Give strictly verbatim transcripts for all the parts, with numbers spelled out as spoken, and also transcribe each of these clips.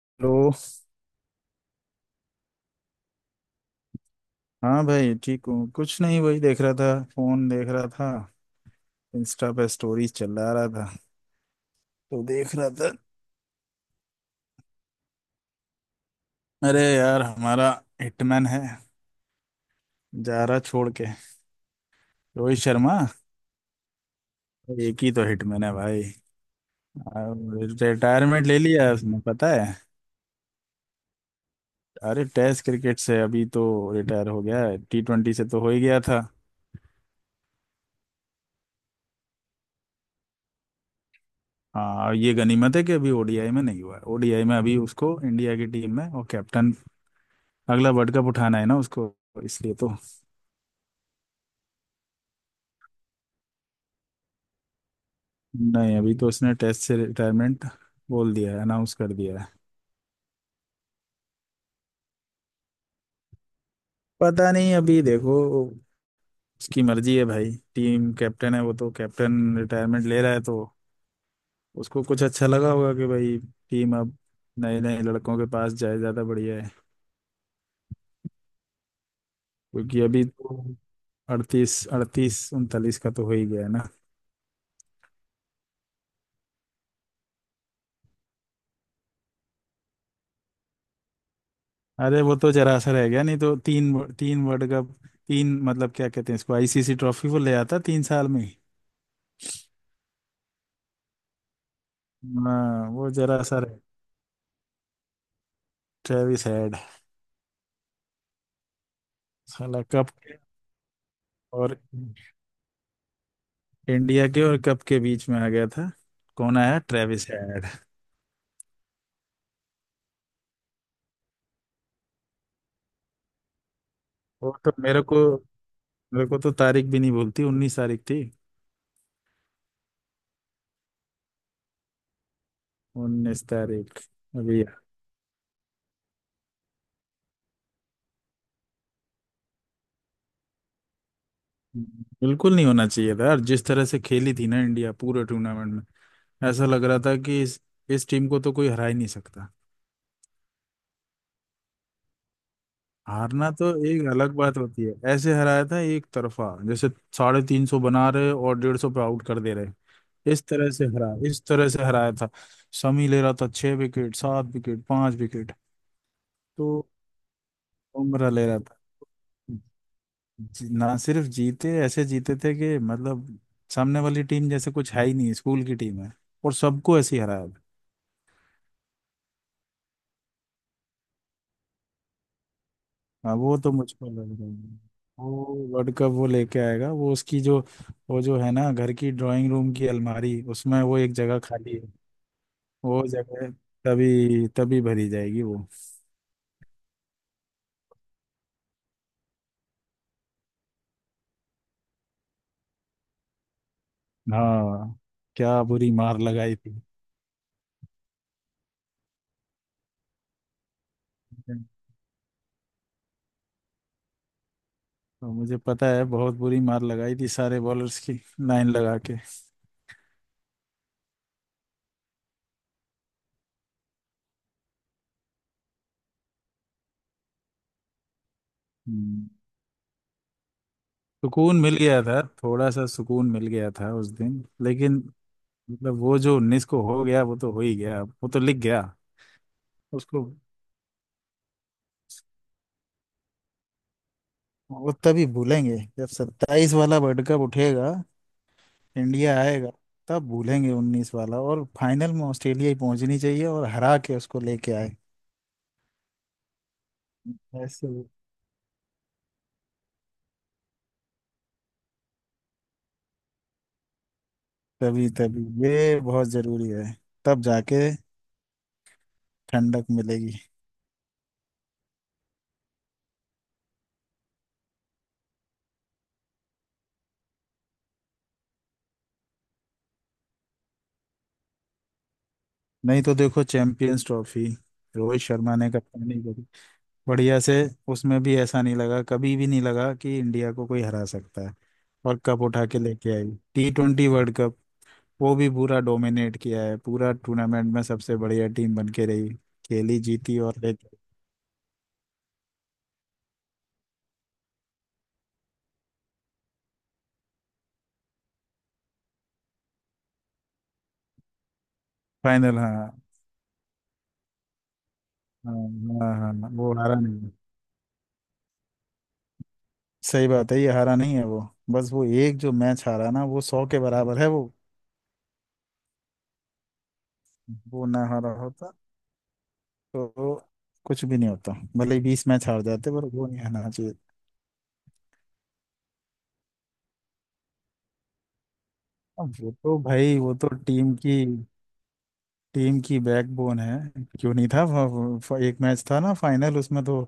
Hello. हाँ भाई, ठीक हूँ। कुछ नहीं, वही देख रहा था, फोन देख रहा था। इंस्टा पे स्टोरीज चला रहा था। तो देख रहा था। अरे यार, हमारा हिटमैन है, जा रहा छोड़ के। रोहित शर्मा। एक ही तो हिटमैन है भाई। रिटायरमेंट ले लिया उसने, पता है? अरे टेस्ट क्रिकेट से अभी तो रिटायर हो गया है। टी ट्वेंटी से तो हो ही गया था। हाँ, और ये गनीमत है कि अभी ओडीआई में नहीं हुआ। ओडीआई में अभी उसको इंडिया की टीम में और कैप्टन, अगला वर्ल्ड कप उठाना है ना उसको, इसलिए तो। नहीं, अभी तो उसने टेस्ट से रिटायरमेंट बोल दिया है, अनाउंस कर दिया है। पता नहीं, अभी देखो उसकी मर्जी है भाई, टीम कैप्टन है वो, तो कैप्टन रिटायरमेंट ले रहा है तो उसको कुछ अच्छा लगा होगा कि भाई टीम अब नए नए लड़कों के पास जाए, ज़्यादा बढ़िया है। क्योंकि अभी तो अड़तीस, अड़तीस उनतालीस का तो हो ही गया है ना। अरे वो तो जरा सा रह गया, नहीं तो तीन व- तीन वर्ल्ड कप, तीन मतलब क्या कहते हैं इसको, आईसीसी ट्रॉफी, वो ले आता तीन साल में। हाँ वो जरा सा रह। ट्रेविस हेड साला, कप के और इंडिया के और कप के बीच में आ गया था। कौन आया? Travis head. वो तो मेरे को, मेरे को तो तारीख भी नहीं भूलती, उन्नीस तारीख थी। उन्नीस तारीख। अभी बिल्कुल नहीं होना चाहिए था यार। जिस तरह से खेली थी ना इंडिया पूरे टूर्नामेंट में, ऐसा लग रहा था कि इस इस टीम को तो कोई हरा ही नहीं सकता। हारना तो एक अलग बात होती है, ऐसे हराया था, एक तरफा जैसे, साढ़े तीन सौ बना रहे और डेढ़ सौ पे आउट कर दे रहे। इस तरह से हरा, इस तरह से हराया था। शमी ले रहा था छह विकेट, सात विकेट, पांच विकेट। तो बुमराह ले रहा था। जी- ना सिर्फ जीते, ऐसे जीते थे कि मतलब सामने वाली टीम जैसे कुछ है ही नहीं, स्कूल की टीम है। और सबको ऐसे ही हराया था। हाँ, वो तो मुझको लग रहा है वो वर्ल्ड कप वो लेके आएगा। वो उसकी जो, वो जो है ना घर की ड्राइंग रूम की अलमारी, उसमें वो एक जगह खाली है। वो जगह तभी तभी भरी जाएगी वो। हाँ, क्या बुरी मार लगाई थी। तो मुझे पता है, बहुत बुरी मार लगाई थी सारे बॉलर्स की, लाइन लगा के। हम्म, सुकून मिल गया था, थोड़ा सा सुकून मिल गया था उस दिन, लेकिन। मतलब वो जो उन्नीस को हो गया, वो तो हो ही गया, वो तो लिख गया उसको। वो तभी भूलेंगे जब सत्ताईस वाला वर्ल्ड कप उठेगा, इंडिया आएगा। तब भूलेंगे उन्नीस वाला। और फाइनल में ऑस्ट्रेलिया ही पहुंचनी चाहिए, और हरा के उसको लेके आए ऐसे। तभी तभी, ये बहुत जरूरी है, तब जाके ठंडक मिलेगी। नहीं तो देखो चैंपियंस ट्रॉफी, रोहित शर्मा ने कप्तानी करी बढ़िया से। उसमें भी ऐसा नहीं लगा, कभी भी नहीं लगा कि इंडिया को कोई हरा सकता है। और कप उठा के लेके आई, टी ट्वेंटी वर्ल्ड कप वो भी पूरा डोमिनेट किया है, पूरा टूर्नामेंट में सबसे बढ़िया टीम बन के रही, खेली, जीती और लेके, फाइनल। हाँ, हाँ, हाँ, हाँ, हाँ, वो हारा नहीं। सही बात है, ये हारा नहीं है वो। बस वो एक जो मैच हारा ना, वो सौ के बराबर है वो। वो ना हारा होता तो कुछ भी नहीं होता, भले ही बीस मैच हार जाते, पर वो नहीं हारना चाहिए। अब वो तो भाई, वो तो टीम की टीम की बैकबोन है। क्यों नहीं था? वो- वो- वो एक मैच था ना फाइनल, उसमें तो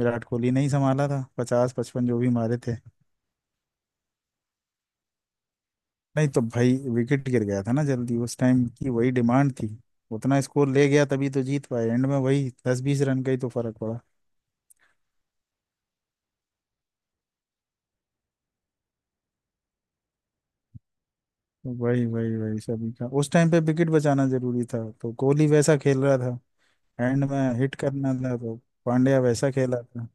विराट कोहली ने ही संभाला था, पचास पचपन जो भी मारे थे। नहीं तो भाई, विकेट गिर गया था ना जल्दी, उस टाइम की वही डिमांड थी। उतना स्कोर ले गया तभी तो जीत पाए एंड में, वही दस बीस रन का ही तो फर्क पड़ा। वही, वही, वही, सभी का उस टाइम पे विकेट बचाना जरूरी था, तो कोहली वैसा खेल रहा था। एंड में हिट करना था तो पांड्या वैसा खेला था।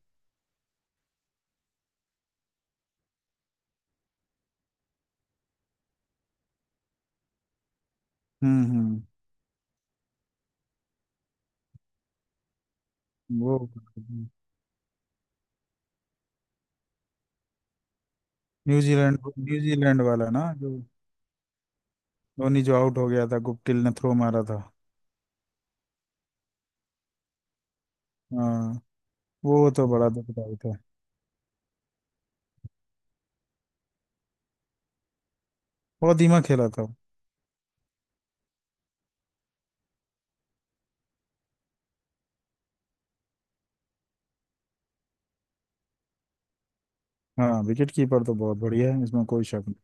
हम्म, हम्म, वो न्यूजीलैंड न्यूजीलैंड वाला ना जो, धोनी जो आउट हो गया था, गुप्टिल ने थ्रो मारा था। हाँ, वो तो बड़ा दुखदायी था। बहुत धीमा खेला था वो। हाँ, विकेट कीपर तो बहुत बढ़िया है, इसमें कोई शक नहीं।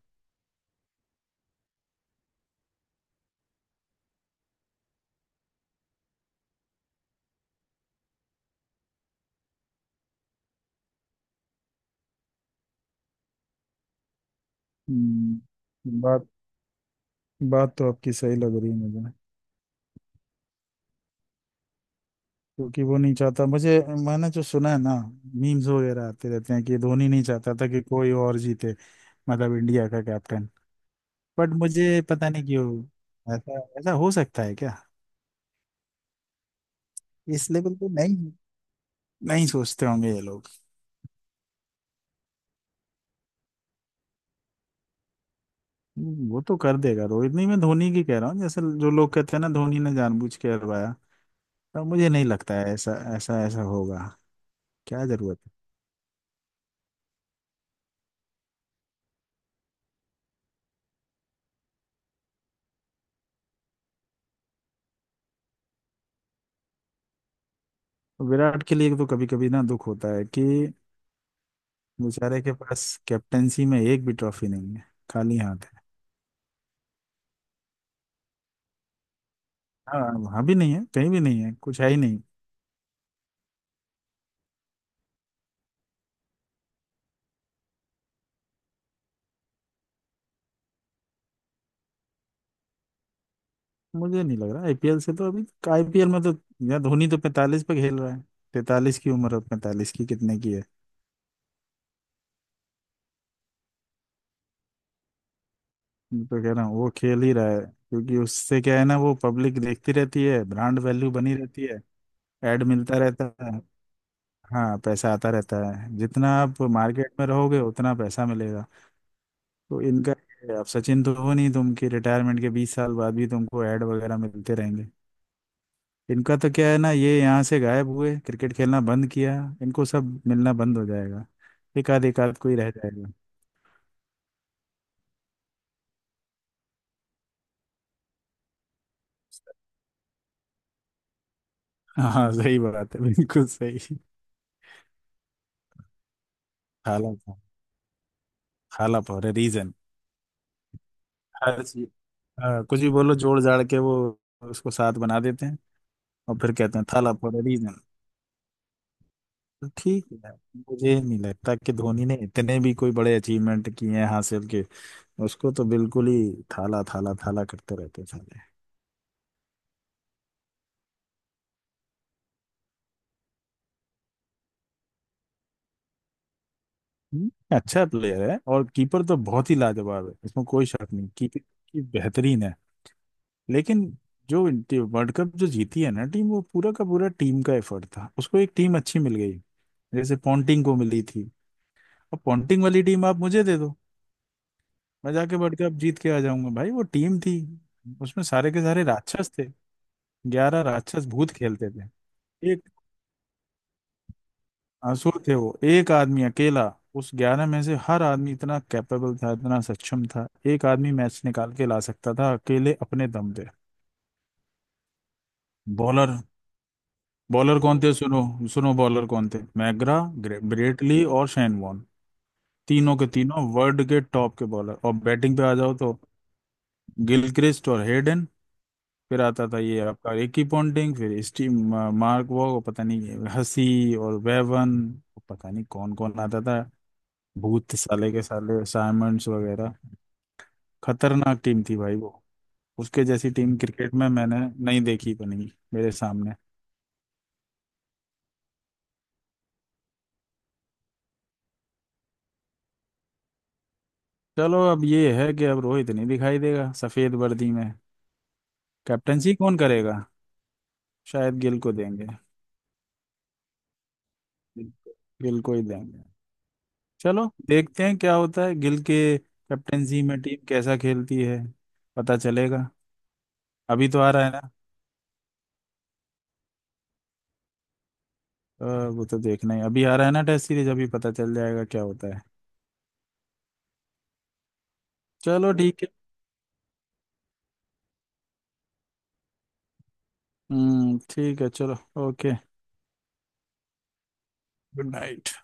हम्म, बात बात तो आपकी सही लग रही है मुझे। क्योंकि वो नहीं चाहता मुझे, मैंने जो सुना है ना, मीम्स वगैरह आते रहते हैं कि धोनी नहीं चाहता था कि कोई और जीते। मतलब इंडिया का कैप्टन। बट मुझे पता नहीं क्यों, ऐसा ऐसा हो सकता है क्या? इस लेवल पे नहीं, नहीं सोचते होंगे ये लोग। हम्म, वो तो कर देगा रोहित। नहीं, मैं धोनी की कह रहा हूँ, जैसे जो लोग कहते हैं ना, धोनी ने जानबूझ के हरवाया, तो मुझे नहीं लगता है ऐसा ऐसा ऐसा होगा। क्या जरूरत है? विराट के लिए तो कभी कभी ना दुख होता है कि बेचारे के पास कैप्टेंसी में एक भी ट्रॉफी नहीं है, खाली हाथ है। हाँ, अभी नहीं है, कहीं भी नहीं है, कुछ है ही नहीं। मुझे नहीं लग रहा आईपीएल से तो अभी। आईपीएल में तो यार, धोनी तो पैंतालीस पे खेल रहा है। तैंतालीस की उम्र है, पैंतालीस की, कितने की है? मैं तो कह रहा हूँ वो खेल ही रहा है, क्योंकि उससे क्या है ना, वो पब्लिक देखती रहती है, ब्रांड वैल्यू बनी रहती है, एड मिलता रहता है। हाँ, पैसा आता रहता है, जितना आप मार्केट में रहोगे उतना पैसा मिलेगा। तो इनका ये है, अब सचिन तो हो नहीं तुम कि रिटायरमेंट के बीस साल बाद भी तुमको एड वगैरह मिलते रहेंगे। इनका तो क्या है ना, ये यहाँ से गायब हुए, क्रिकेट खेलना बंद किया, इनको सब मिलना बंद हो जाएगा। एक आध, एक आध कोई रह जाएगा। हाँ, सही बात है, बिल्कुल सही। खाला था, खाला फॉर ए रीजन। हर चीज। हाँ, कुछ भी बोलो जोड़ जाड़ के वो उसको साथ बना देते हैं, और फिर कहते हैं थाला फॉर ए रीजन। तो ठीक है। मुझे नहीं लगता कि धोनी ने इतने भी कोई बड़े अचीवमेंट किए हैं हासिल के, उसको तो बिल्कुल ही थाला थाला थाला करते रहते थे। हम्म, अच्छा प्लेयर है, और कीपर तो बहुत ही लाजवाब है, इसमें कोई शक नहीं, कीपिंग की बेहतरीन है। लेकिन जो वर्ल्ड कप जो जीती है ना टीम, वो पूरा का पूरा टीम का एफर्ट था, उसको एक टीम अच्छी मिल गई, जैसे पॉन्टिंग को मिली थी। अब पॉन्टिंग वाली टीम आप मुझे दे दो, मैं जाके वर्ल्ड कप जीत के आ जाऊंगा। भाई वो टीम थी, उसमें सारे के सारे राक्षस थे। ग्यारह राक्षस भूत खेलते थे। एक आंसू थे वो, एक आदमी अकेला उस ग्यारह में से, हर आदमी इतना कैपेबल था, इतना सक्षम था। एक आदमी मैच निकाल के ला सकता था अकेले अपने दम पे। बॉलर, बॉलर कौन हम्म थे सुनो? सुनो बॉलर कौन थे, मैग्रा, ग्रे- ब्रेटली और शेन वॉर्न। तीनों के तीनों वर्ल्ड के टॉप के बॉलर। और बैटिंग पे आ जाओ तो गिलक्रिस्ट और हेडन, फिर आता था ये आपका रिकी पॉन्टिंग, फिर स्टीव, मार्क वॉग, और पता नहीं हसी और वेवन, पता नहीं कौन कौन आता था। भूत साले के साले साइमंड्स वगैरह। खतरनाक टीम थी भाई वो। उसके जैसी टीम क्रिकेट में मैंने नहीं देखी बनी मेरे सामने। चलो अब ये है कि अब रोहित नहीं दिखाई देगा सफेद वर्दी में। कैप्टनसी कौन करेगा? शायद गिल को देंगे। गिल को, गिल को ही देंगे। चलो देखते हैं क्या होता है, गिल के कैप्टनसी में टीम कैसा खेलती है, पता चलेगा। अभी तो आ रहा है ना। अ, वो तो देखना ही, अभी आ रहा है ना टेस्ट सीरीज, अभी पता चल जाएगा क्या होता है। चलो ठीक है। हम्म, ठीक है। चलो, ओके, गुड नाइट।